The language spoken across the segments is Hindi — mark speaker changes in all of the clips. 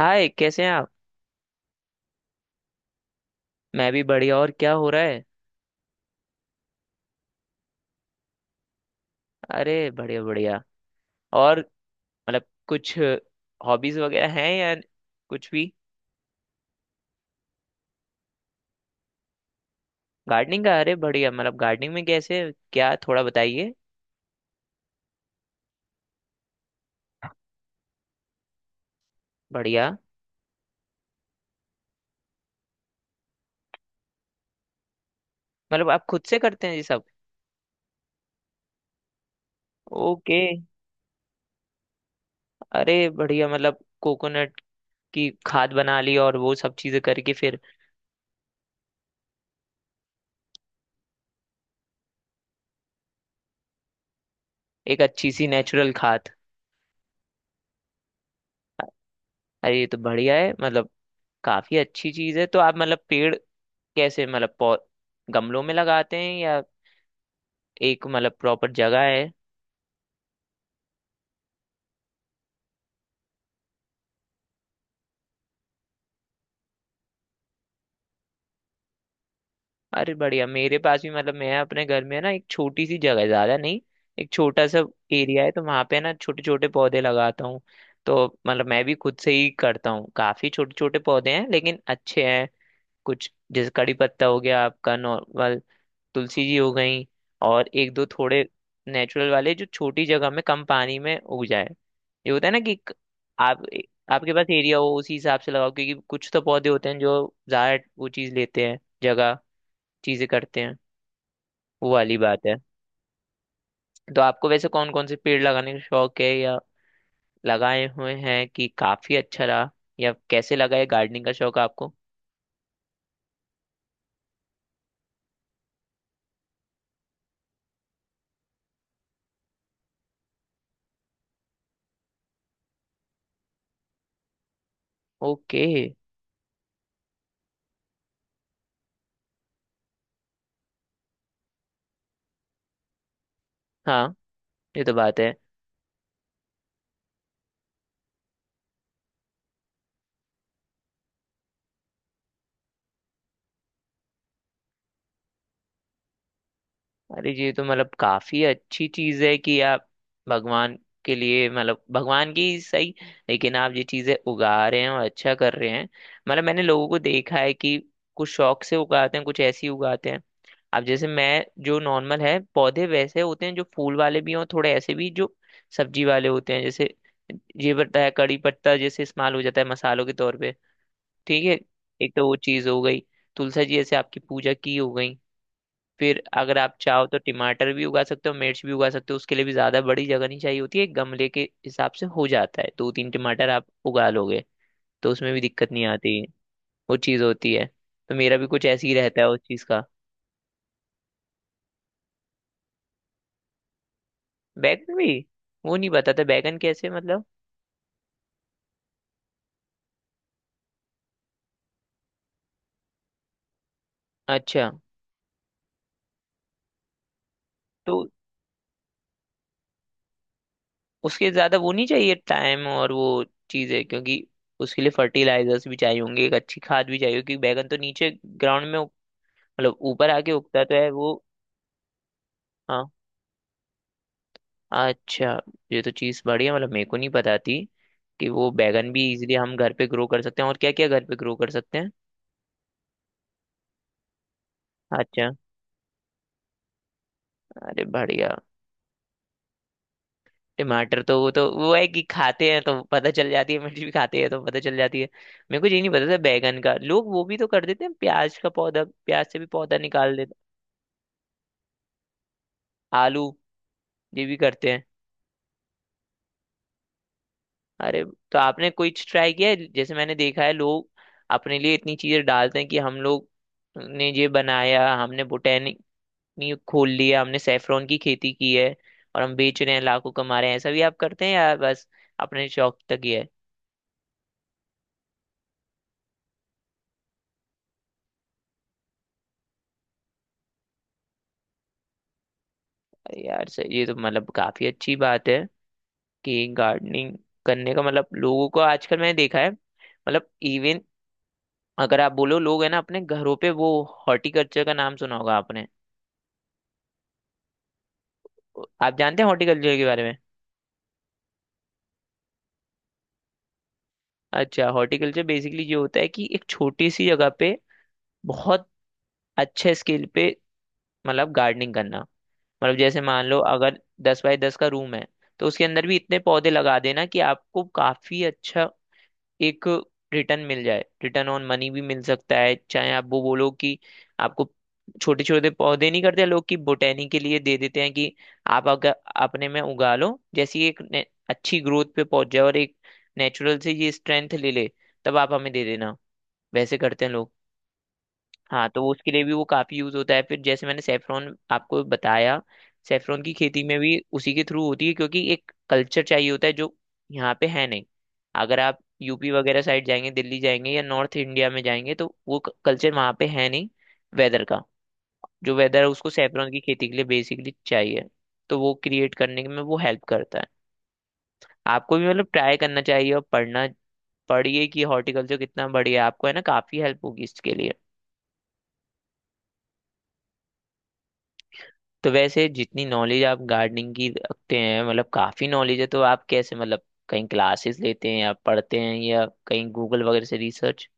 Speaker 1: हाय, कैसे हैं आप? मैं भी बढ़िया। और क्या हो रहा है? अरे बढ़िया बढ़िया। और मतलब कुछ हॉबीज वगैरह हैं या कुछ भी? गार्डनिंग का, अरे बढ़िया। मतलब गार्डनिंग में कैसे क्या, थोड़ा बताइए। बढ़िया। मतलब आप खुद से करते हैं ये सब? ओके। अरे बढ़िया मतलब कोकोनट की खाद बना ली और वो सब चीजें करके फिर। एक अच्छी सी नेचुरल खाद। अरे ये तो बढ़िया है। मतलब काफी अच्छी चीज है। तो आप मतलब पेड़ कैसे, मतलब गमलों में लगाते हैं या एक मतलब प्रॉपर जगह है? अरे बढ़िया। मेरे पास भी, मतलब मैं अपने घर में ना, एक छोटी सी जगह है, ज्यादा नहीं। एक छोटा सा एरिया है, तो वहां पे ना छोटे छोटे पौधे लगाता हूँ। तो मतलब मैं भी खुद से ही करता हूँ। काफी छोटे छोटे पौधे हैं, लेकिन अच्छे हैं। कुछ जैसे कड़ी पत्ता हो गया, आपका नॉर्मल तुलसी जी हो गई, और एक दो थोड़े नेचुरल वाले, जो छोटी जगह में कम पानी में उग जाए। ये होता है ना कि आप आपके पास एरिया हो उसी हिसाब से लगाओ, क्योंकि कुछ तो पौधे होते हैं जो ज्यादा वो चीज लेते हैं, जगह चीजें करते हैं। वो वाली बात है। तो आपको वैसे कौन कौन से पेड़ लगाने का शौक है, या लगाए हुए हैं कि काफी अच्छा रहा, या कैसे लगा ये गार्डनिंग का शौक है आपको? ओके। हाँ, ये तो बात है। अरे ये तो मतलब काफी अच्छी चीज है कि आप भगवान के लिए, मतलब भगवान की सही, लेकिन आप ये चीजें उगा रहे हैं और अच्छा कर रहे हैं। मतलब मैंने लोगों को देखा है कि कुछ शौक से उगाते हैं, कुछ ऐसे ही उगाते हैं। अब जैसे मैं, जो नॉर्मल है पौधे वैसे होते हैं, जो फूल वाले भी हों, थोड़े ऐसे भी जो सब्जी वाले होते हैं, जैसे ये पत्ता है, कड़ी पत्ता जैसे इस्तेमाल हो जाता है मसालों के तौर पे। ठीक है। एक तो वो चीज हो गई, तुलसी जी जैसे आपकी पूजा की हो गई, फिर अगर आप चाहो तो टमाटर भी उगा सकते हो, मिर्च भी उगा सकते हो। उसके लिए भी ज्यादा बड़ी जगह नहीं चाहिए होती है, गमले के हिसाब से हो जाता है। दो तीन टमाटर आप उगा लोगे, तो उसमें भी दिक्कत नहीं आती। वो चीज़ होती है। तो मेरा भी कुछ ऐसे ही रहता है उस चीज़ का। बैगन भी? वो नहीं पता था, बैगन कैसे मतलब। अच्छा। तो उसके ज्यादा वो नहीं चाहिए टाइम और वो चीज़ें, क्योंकि उसके लिए फर्टिलाइजर्स भी चाहिए होंगे, एक अच्छी खाद भी चाहिए होगी, क्योंकि बैगन तो नीचे ग्राउंड में मतलब ऊपर आके उगता तो है वो। हाँ। अच्छा, ये तो चीज़ बढ़िया, मतलब मेरे को नहीं पता थी कि वो बैगन भी इजीली हम घर पे ग्रो कर सकते हैं, और क्या क्या घर पे ग्रो कर सकते हैं। अच्छा। अरे बढ़िया। टमाटर तो वो है कि खाते हैं तो पता चल जाती है, मिर्च भी खाते हैं तो पता चल जाती है। मेरे को ये नहीं पता था बैगन का। लोग वो भी तो कर देते हैं, प्याज का पौधा, प्याज से भी पौधा निकाल देते, आलू ये भी करते हैं। अरे। तो आपने कोई ट्राई किया है? जैसे मैंने देखा है, लोग अपने लिए इतनी चीजें डालते हैं कि हम लोग ने ये बनाया, हमने बोटेनिक कंपनी खोल ली है, हमने सेफ्रॉन की खेती की है और हम बेच रहे हैं, लाखों कमा रहे हैं। ऐसा भी आप करते हैं, यार बस अपने शौक तक ही है? अरे यार सर, ये तो मतलब काफी अच्छी बात है कि गार्डनिंग करने का, मतलब लोगों को आजकल मैंने देखा है, मतलब इवन अगर आप बोलो लोग है ना अपने घरों पे वो। हॉर्टिकल्चर का नाम सुना होगा आपने? आप जानते हैं हॉर्टिकल्चर के बारे में? अच्छा। हॉर्टिकल्चर बेसिकली ये होता है कि एक छोटी सी जगह पे बहुत अच्छे स्केल पे मतलब गार्डनिंग करना। मतलब जैसे मान लो अगर 10 बाय 10 का रूम है, तो उसके अंदर भी इतने पौधे लगा देना कि आपको काफी अच्छा एक रिटर्न मिल जाए। रिटर्न ऑन मनी भी मिल सकता है। चाहे आप वो बोलो कि आपको छोटे छोटे पौधे नहीं करते लोग, कि बोटेनी के लिए दे देते हैं कि आप अगर अपने में उगा लो, जैसी एक अच्छी ग्रोथ पे पहुंच जाए और एक नेचुरल से ये स्ट्रेंथ ले ले, तब आप हमें दे देना। वैसे करते हैं लोग। हाँ, तो वो उसके लिए भी वो काफी यूज होता है। फिर जैसे मैंने सेफ्रॉन आपको बताया, सेफ्रॉन की खेती में भी उसी के थ्रू होती है, क्योंकि एक कल्चर चाहिए होता है जो यहाँ पे है नहीं। अगर आप यूपी वगैरह साइड जाएंगे, दिल्ली जाएंगे या नॉर्थ इंडिया में जाएंगे, तो वो कल्चर वहाँ पे है नहीं। वेदर का, जो वेदर है उसको सेफ्रॉन की खेती के लिए बेसिकली चाहिए, तो वो क्रिएट करने में वो हेल्प करता है। आपको भी मतलब ट्राई करना चाहिए और पढ़ना, पढ़िए कि हॉर्टिकल्चर कितना बढ़िया है। आपको है ना काफी हेल्प होगी इसके लिए। तो वैसे जितनी नॉलेज आप गार्डनिंग की रखते हैं, मतलब काफी नॉलेज है। तो आप कैसे मतलब कहीं क्लासेस लेते हैं, या पढ़ते हैं, या कहीं गूगल वगैरह से रिसर्च?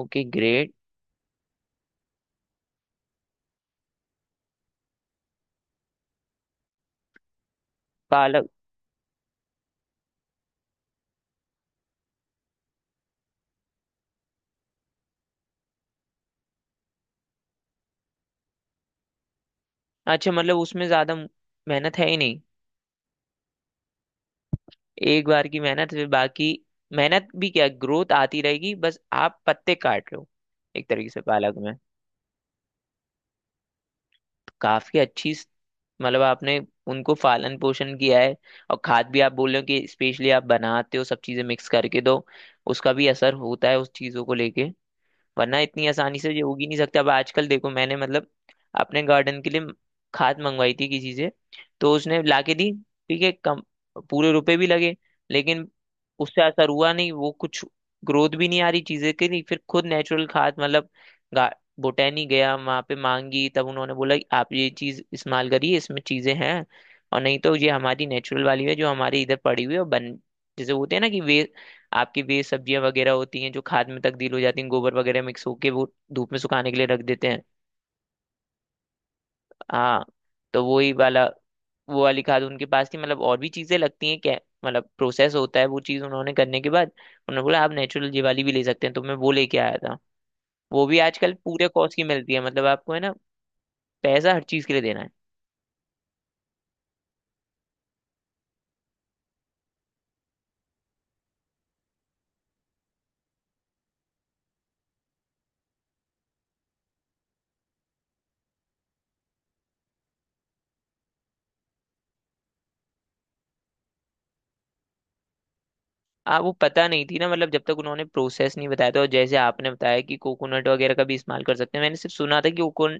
Speaker 1: Okay great. पालक। अच्छा, मतलब उसमें ज्यादा मेहनत है ही नहीं। एक बार की मेहनत, फिर बाकी मेहनत भी क्या, ग्रोथ आती रहेगी, बस आप पत्ते काट लो, एक तरीके से पालक में। काफी अच्छी मतलब आपने उनको पालन पोषण किया है, और खाद भी आप बोल रहे हो कि स्पेशली आप बनाते हो सब चीजें मिक्स करके, तो उसका भी असर होता है उस चीजों को लेके। वरना इतनी आसानी से ये उग ही नहीं सकता। अब आजकल देखो मैंने मतलब अपने गार्डन के लिए खाद मंगवाई थी किसी से, तो उसने लाके दी, ठीक है, कम पूरे रुपए भी लगे, लेकिन उससे असर हुआ नहीं। वो कुछ ग्रोथ भी नहीं आ रही चीजें की नहीं। फिर खुद नेचुरल खाद, मतलब बोटैनी गया वहां पे, मांगी, तब उन्होंने बोला कि आप ये चीज इस्तेमाल करिए, इसमें चीजें हैं, और नहीं तो ये हमारी नेचुरल वाली है जो हमारे इधर पड़ी हुई है, और बन जैसे होते हैं ना कि वे आपकी वेस्ट सब्जियां वगैरह होती हैं जो खाद में तब्दील हो जाती हैं, गोबर वगैरह मिक्स होके वो धूप में सुखाने के लिए रख देते हैं। हाँ। तो वही वाला, वो वाली खाद उनके पास थी। मतलब और भी चीजें लगती हैं क्या, मतलब प्रोसेस होता है वो चीज़? उन्होंने करने के बाद उन्होंने बोला, आप नेचुरल ये वाली भी ले सकते हैं, तो मैं वो लेके आया था। वो भी आजकल पूरे कॉस्ट की मिलती है, मतलब आपको है ना, पैसा हर चीज के लिए देना है। वो पता नहीं थी ना, मतलब जब तक उन्होंने प्रोसेस नहीं बताया था, और जैसे आपने बताया कि कोकोनट वगैरह का भी इस्तेमाल कर सकते हैं, मैंने सिर्फ सुना था कि कोकोन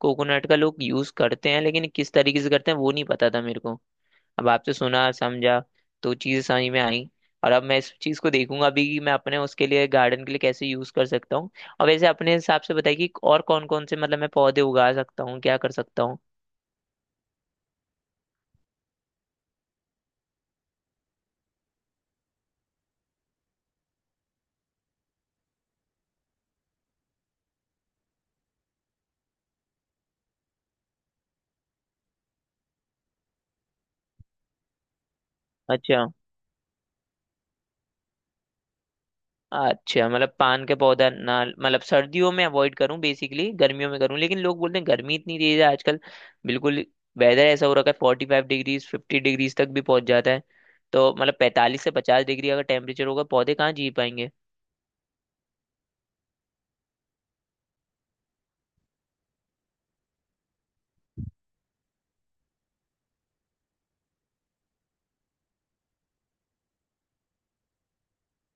Speaker 1: कोकोनट का लोग यूज करते हैं, लेकिन किस तरीके से करते हैं वो नहीं पता था मेरे को। अब आपसे सुना, समझा, तो चीज़ें समझ में आई। और अब मैं इस चीज़ को देखूंगा अभी कि मैं अपने उसके लिए, गार्डन के लिए कैसे यूज कर सकता हूँ। और वैसे अपने हिसाब से बताइए कि और कौन कौन से मतलब मैं पौधे उगा सकता हूँ, क्या कर सकता हूँ। अच्छा। अच्छा, मतलब पान के पौधा ना, मतलब सर्दियों में अवॉइड करूं, बेसिकली गर्मियों में करूं। लेकिन लोग बोलते हैं गर्मी इतनी तेज है आजकल, बिल्कुल, वेदर ऐसा हो रखा है, 45 डिग्रीज 50 डिग्रीज तक भी पहुंच जाता है। तो मतलब 45 से 50 डिग्री अगर टेम्परेचर होगा, पौधे कहाँ जी पाएंगे?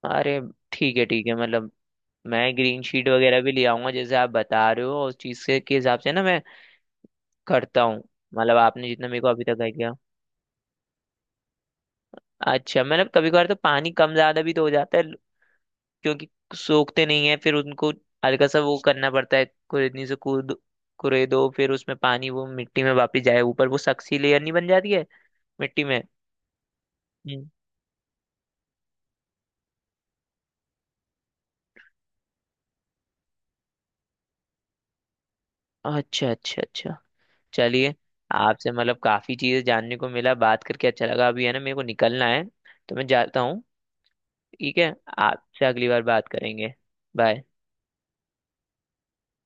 Speaker 1: अरे ठीक है ठीक है। मतलब मैं ग्रीन शीट वगैरह भी ले आऊंगा, जैसे आप बता रहे हो, और उस चीज से के हिसाब से ना मैं करता हूँ। मतलब आपने जितना मेरे को अभी तक आइडिया। अच्छा, मतलब कभी कभार तो पानी कम ज्यादा भी तो हो जाता है, क्योंकि सोखते नहीं है फिर उनको। हल्का सा वो करना पड़ता है, कुरेदनी से कूद कुरे दो, फिर उसमें पानी वो मिट्टी में वापस जाए, ऊपर वो सख्सी लेयर नहीं बन जाती है मिट्टी में। हम्म। अच्छा अच्छा अच्छा। चलिए, आपसे मतलब काफी चीजें जानने को मिला, बात करके अच्छा लगा। अभी है ना मेरे को निकलना है, तो मैं जाता हूँ। ठीक है, आपसे अगली बार बात करेंगे। बाय।